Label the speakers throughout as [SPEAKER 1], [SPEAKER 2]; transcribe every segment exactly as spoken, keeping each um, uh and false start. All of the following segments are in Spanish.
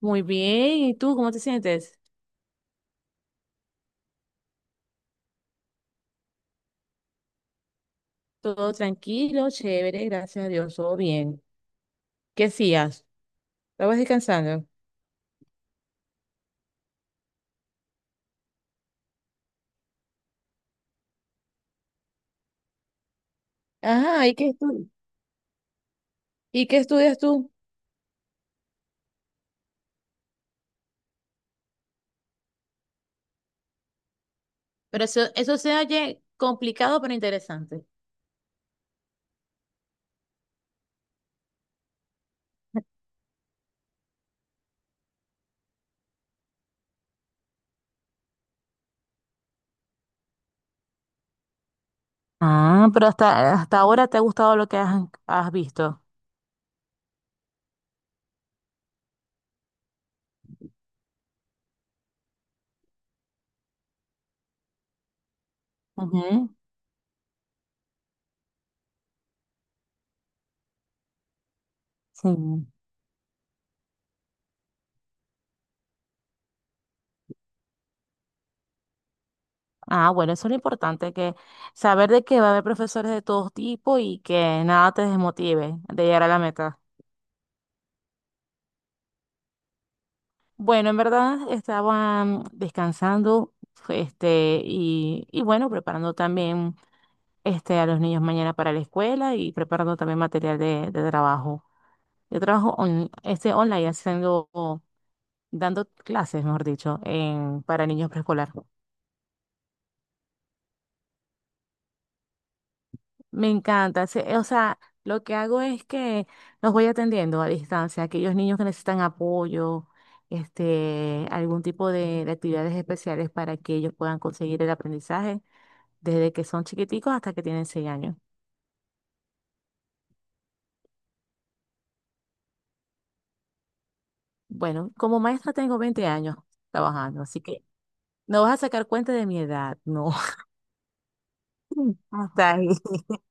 [SPEAKER 1] Muy bien, ¿y tú cómo te sientes? Todo tranquilo, chévere, gracias a Dios, todo bien. ¿Qué hacías? ¿Estabas descansando? Ajá, ¿y qué estu- ¿Y qué estudias tú? Pero eso, eso se oye complicado pero interesante. Ah, pero hasta, hasta ahora te ha gustado lo que has, has visto. Ujú. Sí. Ah, bueno, eso es lo importante, que saber de que va a haber profesores de todo tipo y que nada te desmotive de llegar a la meta. Bueno, en verdad estaban descansando, este, y, y bueno, preparando también este, a los niños mañana para la escuela y preparando también material de, de trabajo. Yo trabajo on- este, online haciendo, dando clases, mejor dicho, en, para niños preescolar. Me encanta, se- o sea, lo que hago es que los voy atendiendo a distancia, aquellos niños que necesitan apoyo, este, algún tipo de de actividades especiales para que ellos puedan conseguir el aprendizaje. Desde que son chiquiticos hasta que tienen seis años. Bueno, como maestra tengo veinte años trabajando, así que no vas a sacar cuenta de mi edad, no, hasta ahí.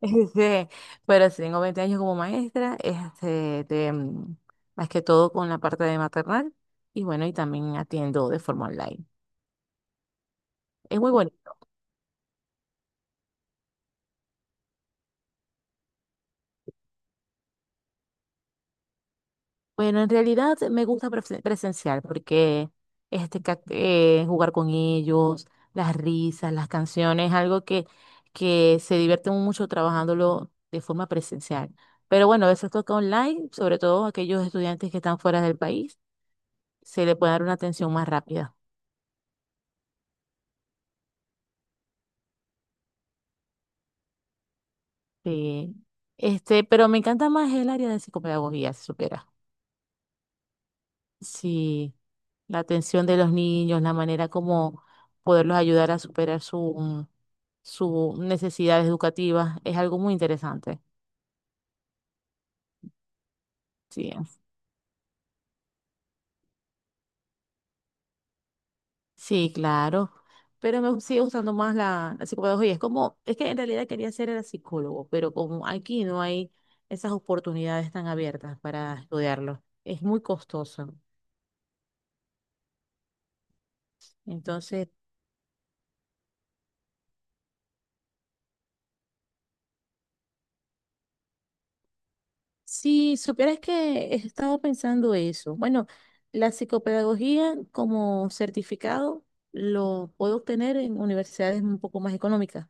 [SPEAKER 1] Este, pero si tengo veinte años como maestra, este, de, mm, más que todo con la parte de maternal y bueno, y también atiendo de forma online. Es muy bueno. Bueno, en realidad me gusta presen- presencial porque este, ca- eh, jugar con ellos, las risas, las canciones, algo que, que se divierten mucho trabajándolo de forma presencial. Pero bueno, eso toca online, sobre todo aquellos estudiantes que están fuera del país, se le puede dar una atención más rápida. Sí. Este, pero me encanta más el área de psicopedagogía, si supieras. Sí, la atención de los niños, la manera como poderlos ayudar a superar su, sus necesidades educativas, es algo muy interesante. Sí, sí, claro. Pero me sigue gustando más la, la psicopedagogía. Es como, es que en realidad quería ser el psicólogo, pero como aquí no hay esas oportunidades tan abiertas para estudiarlo, es muy costoso. Entonces, si supieras que he estado pensando eso. Bueno, la psicopedagogía como certificado lo puedo obtener en universidades un poco más económicas.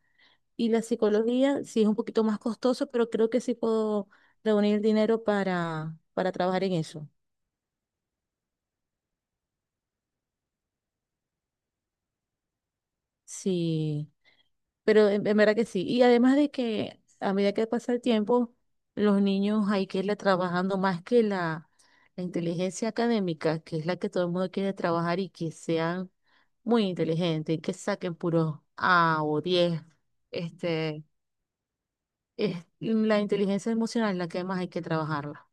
[SPEAKER 1] Y la psicología sí es un poquito más costoso, pero creo que sí puedo reunir dinero para, para trabajar en eso. Sí. Pero en, en verdad que sí. Y además de que a medida que pasa el tiempo, los niños hay que irle trabajando más que la, la inteligencia académica, que es la que todo el mundo quiere trabajar y que sean muy inteligentes, y que saquen puros A o diez. Este, es la inteligencia emocional la que más hay que trabajarla.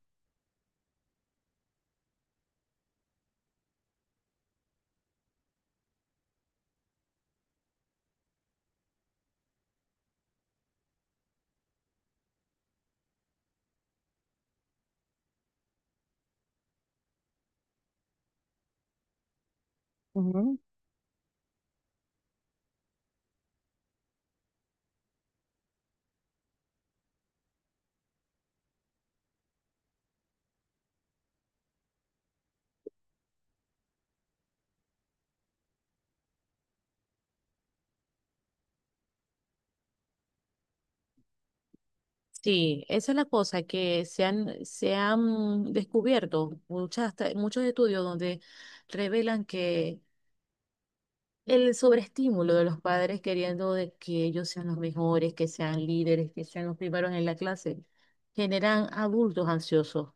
[SPEAKER 1] Ujú. Sí, esa es la cosa, que se han, se han descubierto muchas, ta- muchos estudios donde revelan que el sobreestímulo de los padres queriendo de que ellos sean los mejores, que sean líderes, que sean los primeros en la clase, generan adultos ansiosos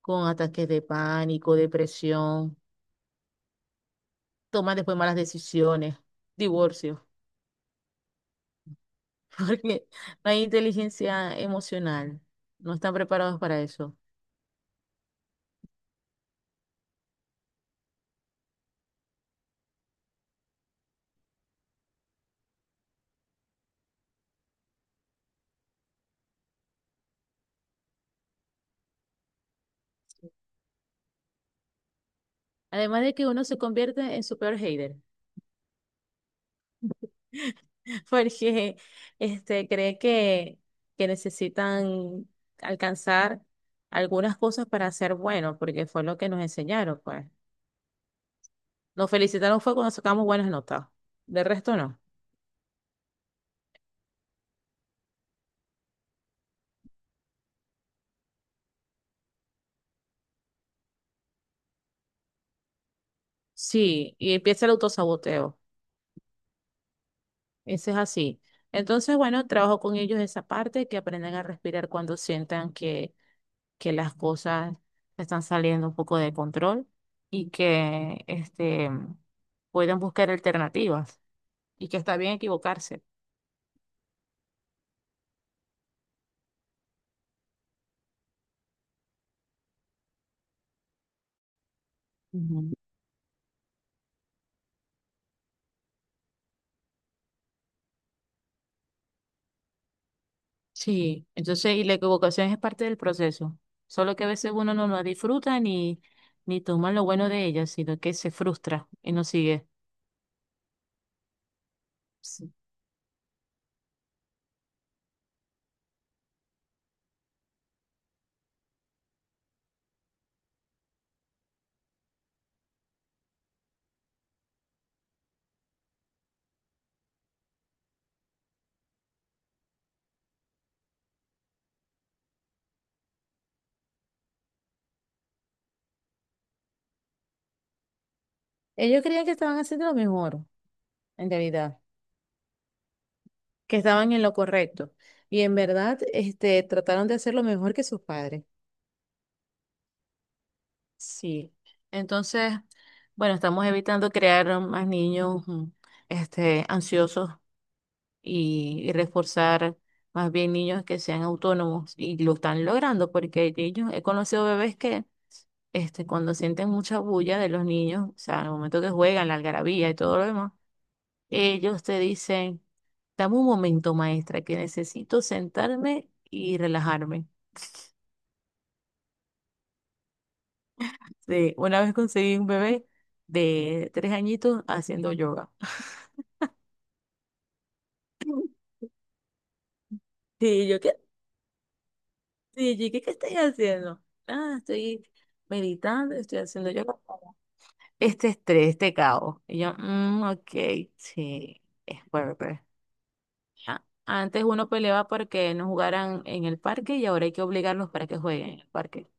[SPEAKER 1] con ataques de pánico, depresión, toman después malas decisiones, divorcios, porque no hay inteligencia emocional, no están preparados para eso. Además de que uno se convierte en su peor hater. Porque este, cree que, que necesitan alcanzar algunas cosas para ser buenos, porque fue lo que nos enseñaron, pues. Nos felicitaron fue cuando sacamos buenas notas, de resto no. Sí, y empieza el autosaboteo, ese es así. Entonces, bueno, trabajo con ellos esa parte, que aprendan a respirar cuando sientan que, que las cosas están saliendo un poco de control y que este, puedan buscar alternativas y que está bien equivocarse. Ujú. Sí, entonces, y la equivocación es parte del proceso, solo que a veces uno no la disfruta ni, ni toma lo bueno de ella, sino que se frustra y no sigue. Sí. Ellos creían que estaban haciendo lo mejor, en realidad, que estaban en lo correcto, y en verdad, este, trataron de hacer lo mejor que sus padres. Sí, entonces, bueno, estamos evitando crear más niños, mm, este, ansiosos y, y reforzar más bien niños que sean autónomos y lo están logrando porque ellos, he conocido bebés que este, cuando sienten mucha bulla de los niños, o sea, en el momento que juegan, la algarabía y todo lo demás, ellos te dicen, dame un momento, maestra, que necesito sentarme y relajarme. Sí, una vez conseguí un bebé de tres añitos haciendo yoga. Sí, yo, ¿qué? Sí, yo, ¿qué, qué estás haciendo? Ah, estoy meditando, estoy haciendo yoga. Este estrés, este caos. Y yo, mm, ok, sí, es Werber. Ah, antes uno peleaba porque no jugaran en el parque y ahora hay que obligarlos para que jueguen en el parque.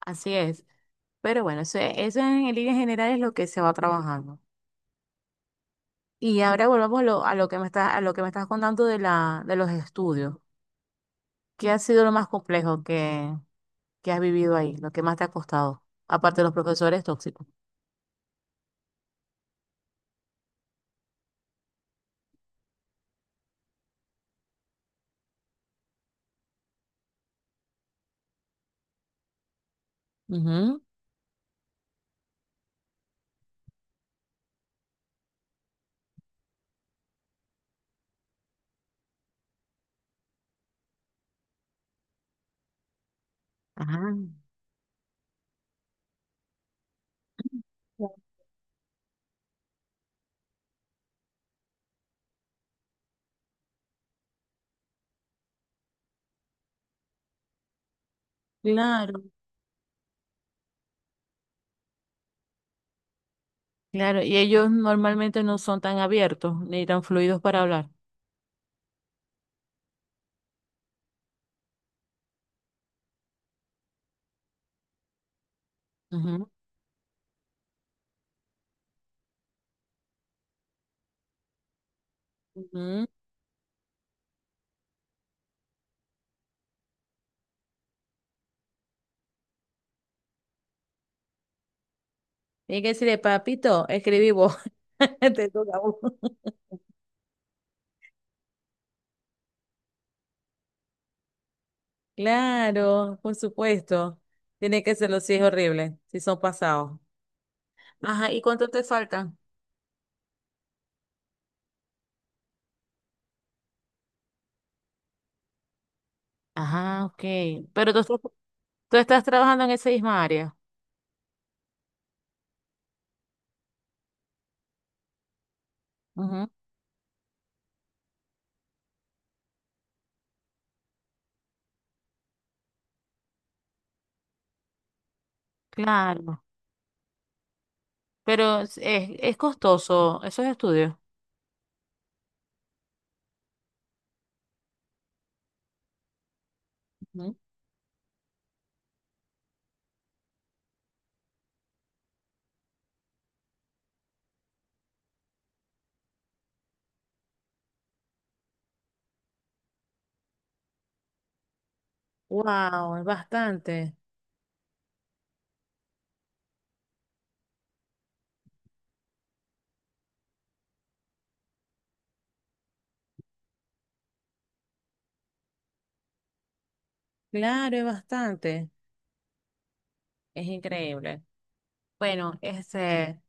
[SPEAKER 1] Así es. Pero bueno, eso, eso en líneas generales es lo que se va trabajando. Y ahora volvamos lo- a lo que me estás, a lo que me estás contando de la, de los estudios. ¿Qué ha sido lo más complejo que, que has vivido ahí? Lo que más te ha costado, aparte de los profesores tóxicos. Ujú. Ajá. Claro. Claro, y ellos normalmente no son tan abiertos ni tan fluidos para hablar. Ujú, ujú. Tiene que decirle, papito, escribí vos. Te toca a vos. Claro, por supuesto. Tiene que serlo si es horrible, si son pasados. Ajá, ¿y cuánto te faltan? Ajá, ok. Pero tú, estás- tú estás trabajando en esa misma área. Ujú. Claro. Pero es, es es costoso esos estudios. Ujú. Wow, es bastante. Claro, es bastante. Es increíble. Bueno, este,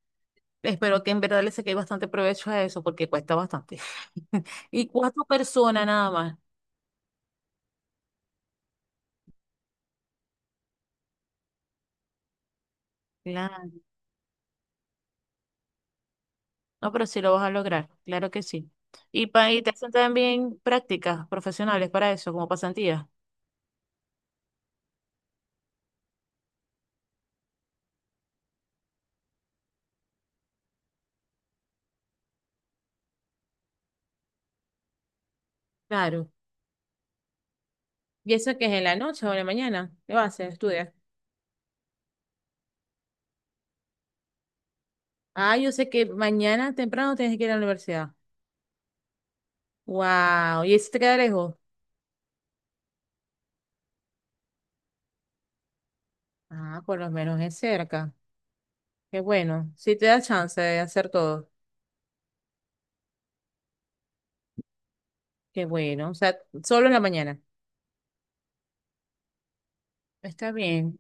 [SPEAKER 1] espero que en verdad le saqué bastante provecho a eso porque cuesta bastante. Y cuatro personas nada más. Claro. No, pero sí lo vas a lograr, claro que sí. Y, pa, y te hacen también prácticas profesionales para eso, como pasantías. Claro. ¿Y eso que es en la noche o en la mañana? ¿Qué vas a hacer? Estudiar. Ah, yo sé que mañana temprano tienes que ir a la universidad. Wow. ¿Y eso te queda lejos? Ah, por lo menos es cerca. Qué bueno. Sí te da chance de hacer todo. Qué bueno. O sea, solo en la mañana. Está bien.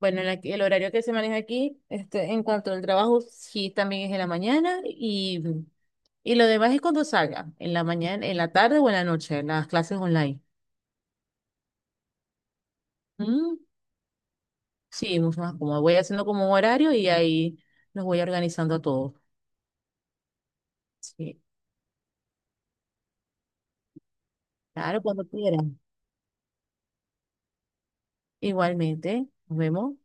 [SPEAKER 1] Bueno, la- el horario que se maneja aquí, este, en cuanto al trabajo, sí, también es en la mañana y, y lo demás es cuando salga, en la mañana, en la tarde o en la noche, en las clases online. Mm, sí, mucho más cómodo. Voy haciendo como un horario y ahí nos voy organizando a todos. Sí, claro, cuando quieran. Igualmente, nos vemos.